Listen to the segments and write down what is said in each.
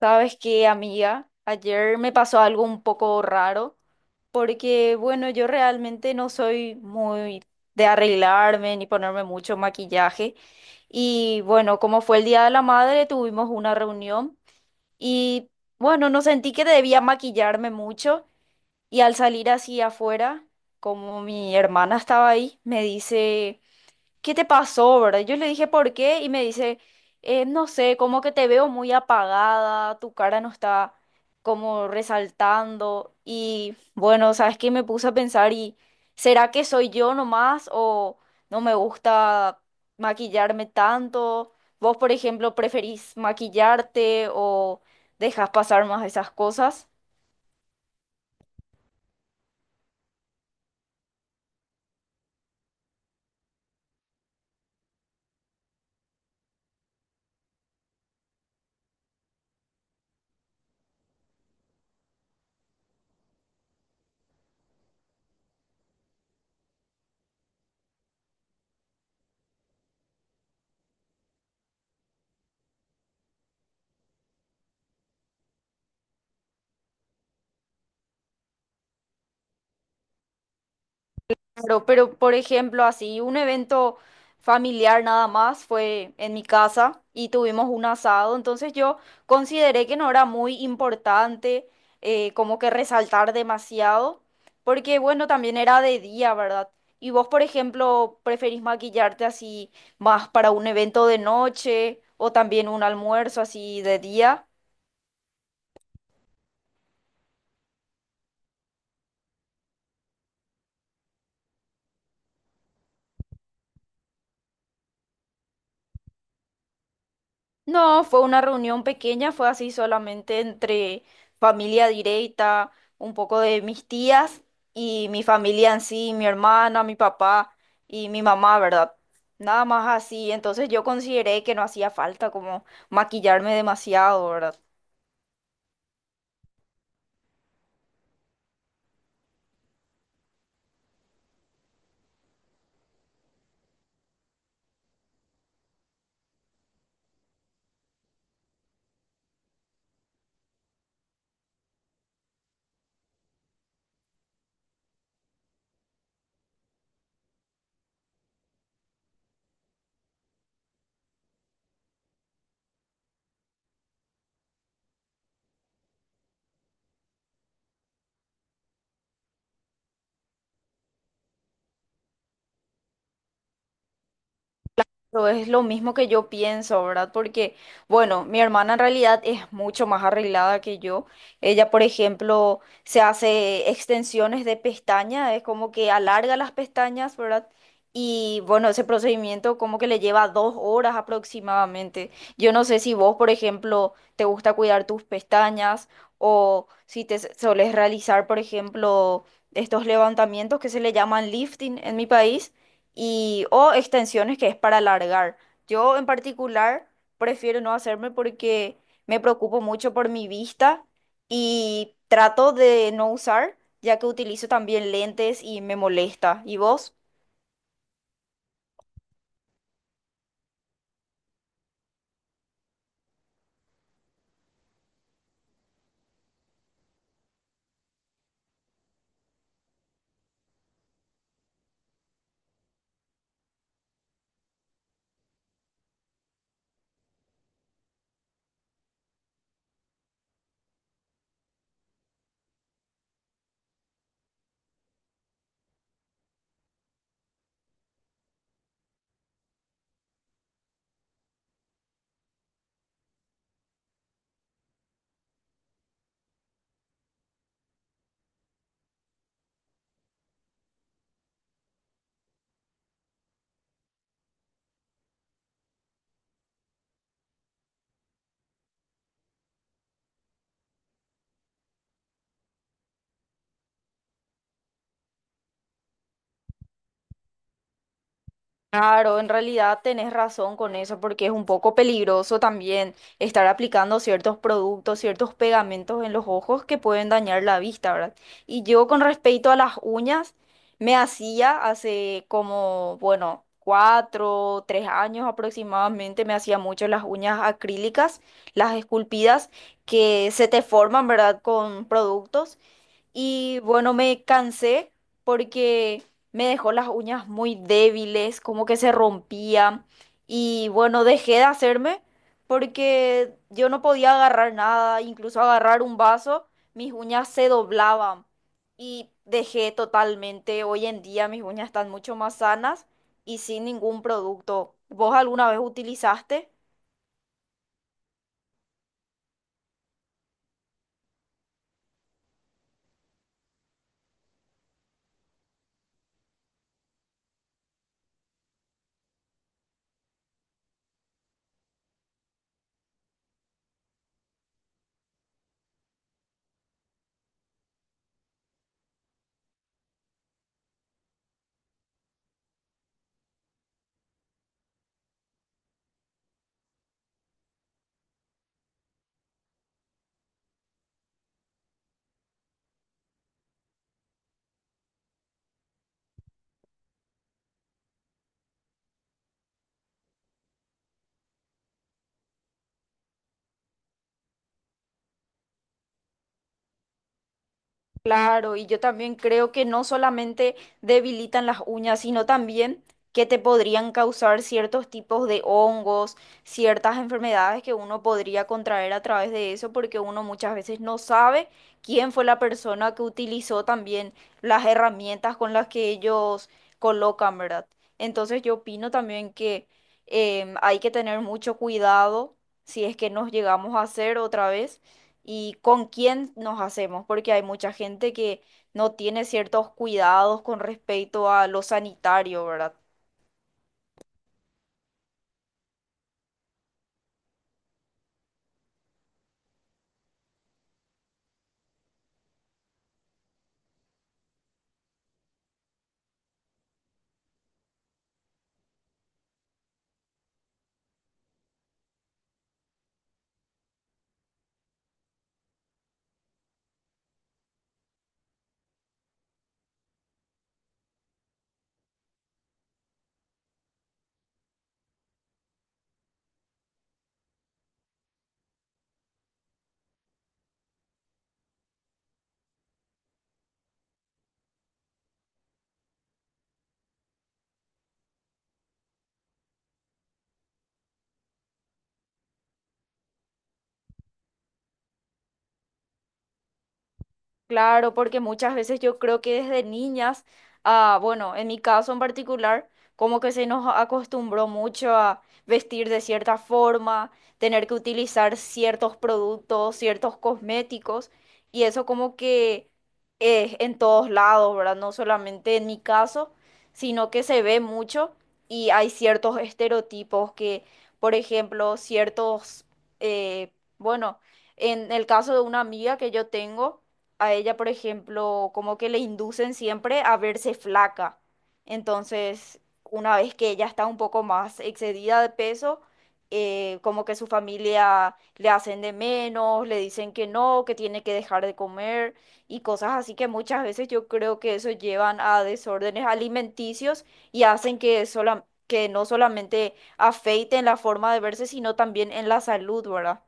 Sabes qué, amiga, ayer me pasó algo un poco raro, porque bueno, yo realmente no soy muy de arreglarme ni ponerme mucho maquillaje. Y bueno, como fue el Día de la Madre, tuvimos una reunión y bueno, no sentí que debía maquillarme mucho y al salir así afuera, como mi hermana estaba ahí, me dice: ¿qué te pasó, verdad? Yo le dije, ¿por qué? Y me dice, no sé, como que te veo muy apagada, tu cara no está como resaltando. Y bueno, ¿sabes qué? Me puse a pensar y ¿será que soy yo nomás o no me gusta maquillarme tanto? ¿Vos, por ejemplo, preferís maquillarte o dejas pasar más esas cosas? Claro, pero por ejemplo, así, un evento familiar nada más fue en mi casa y tuvimos un asado, entonces yo consideré que no era muy importante como que resaltar demasiado, porque bueno, también era de día, ¿verdad? Y vos, por ejemplo, preferís maquillarte así más para un evento de noche o también un almuerzo así de día. No, fue una reunión pequeña, fue así solamente entre familia directa, un poco de mis tías y mi familia en sí, mi hermana, mi papá y mi mamá, ¿verdad? Nada más así, entonces yo consideré que no hacía falta como maquillarme demasiado, ¿verdad? Pero es lo mismo que yo pienso, ¿verdad? Porque, bueno, mi hermana en realidad es mucho más arreglada que yo. Ella, por ejemplo, se hace extensiones de pestaña, es como que alarga las pestañas, ¿verdad? Y bueno, ese procedimiento como que le lleva dos horas aproximadamente. Yo no sé si vos, por ejemplo, te gusta cuidar tus pestañas o si solés realizar, por ejemplo, estos levantamientos que se le llaman lifting en mi país y o extensiones que es para alargar. Yo en particular prefiero no hacerme porque me preocupo mucho por mi vista y trato de no usar, ya que utilizo también lentes y me molesta. ¿Y vos? Claro, en realidad tenés razón con eso, porque es un poco peligroso también estar aplicando ciertos productos, ciertos pegamentos en los ojos que pueden dañar la vista, ¿verdad? Y yo con respecto a las uñas, me hacía hace como, bueno, cuatro, tres años aproximadamente, me hacía mucho las uñas acrílicas, las esculpidas, que se te forman, ¿verdad? Con productos. Y bueno, me cansé porque me dejó las uñas muy débiles, como que se rompían. Y bueno, dejé de hacerme porque yo no podía agarrar nada, incluso agarrar un vaso, mis uñas se doblaban. Y dejé totalmente. Hoy en día mis uñas están mucho más sanas y sin ningún producto. ¿Vos alguna vez utilizaste? Claro, y yo también creo que no solamente debilitan las uñas, sino también que te podrían causar ciertos tipos de hongos, ciertas enfermedades que uno podría contraer a través de eso, porque uno muchas veces no sabe quién fue la persona que utilizó también las herramientas con las que ellos colocan, ¿verdad? Entonces yo opino también que hay que tener mucho cuidado si es que nos llegamos a hacer otra vez y con quién nos hacemos, porque hay mucha gente que no tiene ciertos cuidados con respecto a lo sanitario, ¿verdad? Claro, porque muchas veces yo creo que desde niñas, ah, bueno, en mi caso en particular, como que se nos acostumbró mucho a vestir de cierta forma, tener que utilizar ciertos productos, ciertos cosméticos, y eso como que es en todos lados, ¿verdad? No solamente en mi caso, sino que se ve mucho y hay ciertos estereotipos que, por ejemplo, eh, bueno, en el caso de una amiga que yo tengo, a ella, por ejemplo, como que le inducen siempre a verse flaca. Entonces, una vez que ella está un poco más excedida de peso, como que su familia le hacen de menos, le dicen que no, que tiene que dejar de comer y cosas así que muchas veces yo creo que eso llevan a desórdenes alimenticios y hacen que que no solamente afeiten la forma de verse, sino también en la salud, ¿verdad?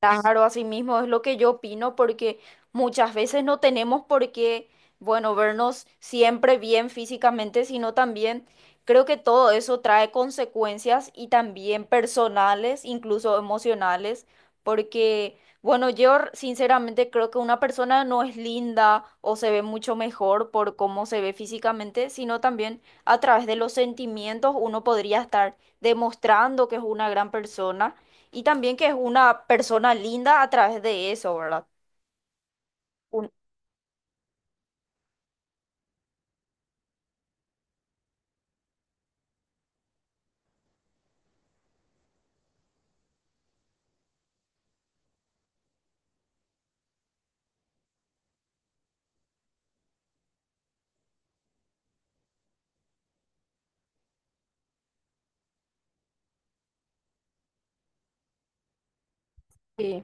Claro, así mismo es lo que yo opino, porque muchas veces no tenemos por qué, bueno, vernos siempre bien físicamente, sino también creo que todo eso trae consecuencias y también personales, incluso emocionales, porque, bueno, sinceramente creo que una persona no es linda o se ve mucho mejor por cómo se ve físicamente, sino también a través de los sentimientos uno podría estar demostrando que es una gran persona. Y también que es una persona linda a través de eso, ¿verdad? Un- sí.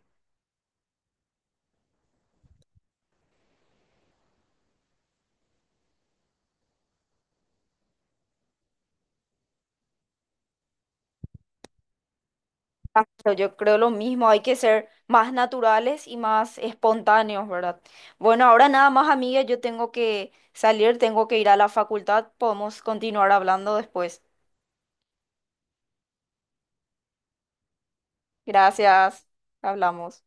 Ah, pero yo creo lo mismo, hay que ser más naturales y más espontáneos, ¿verdad? Bueno, ahora nada más, amiga, yo tengo que salir, tengo que ir a la facultad, podemos continuar hablando después. Gracias, hablamos.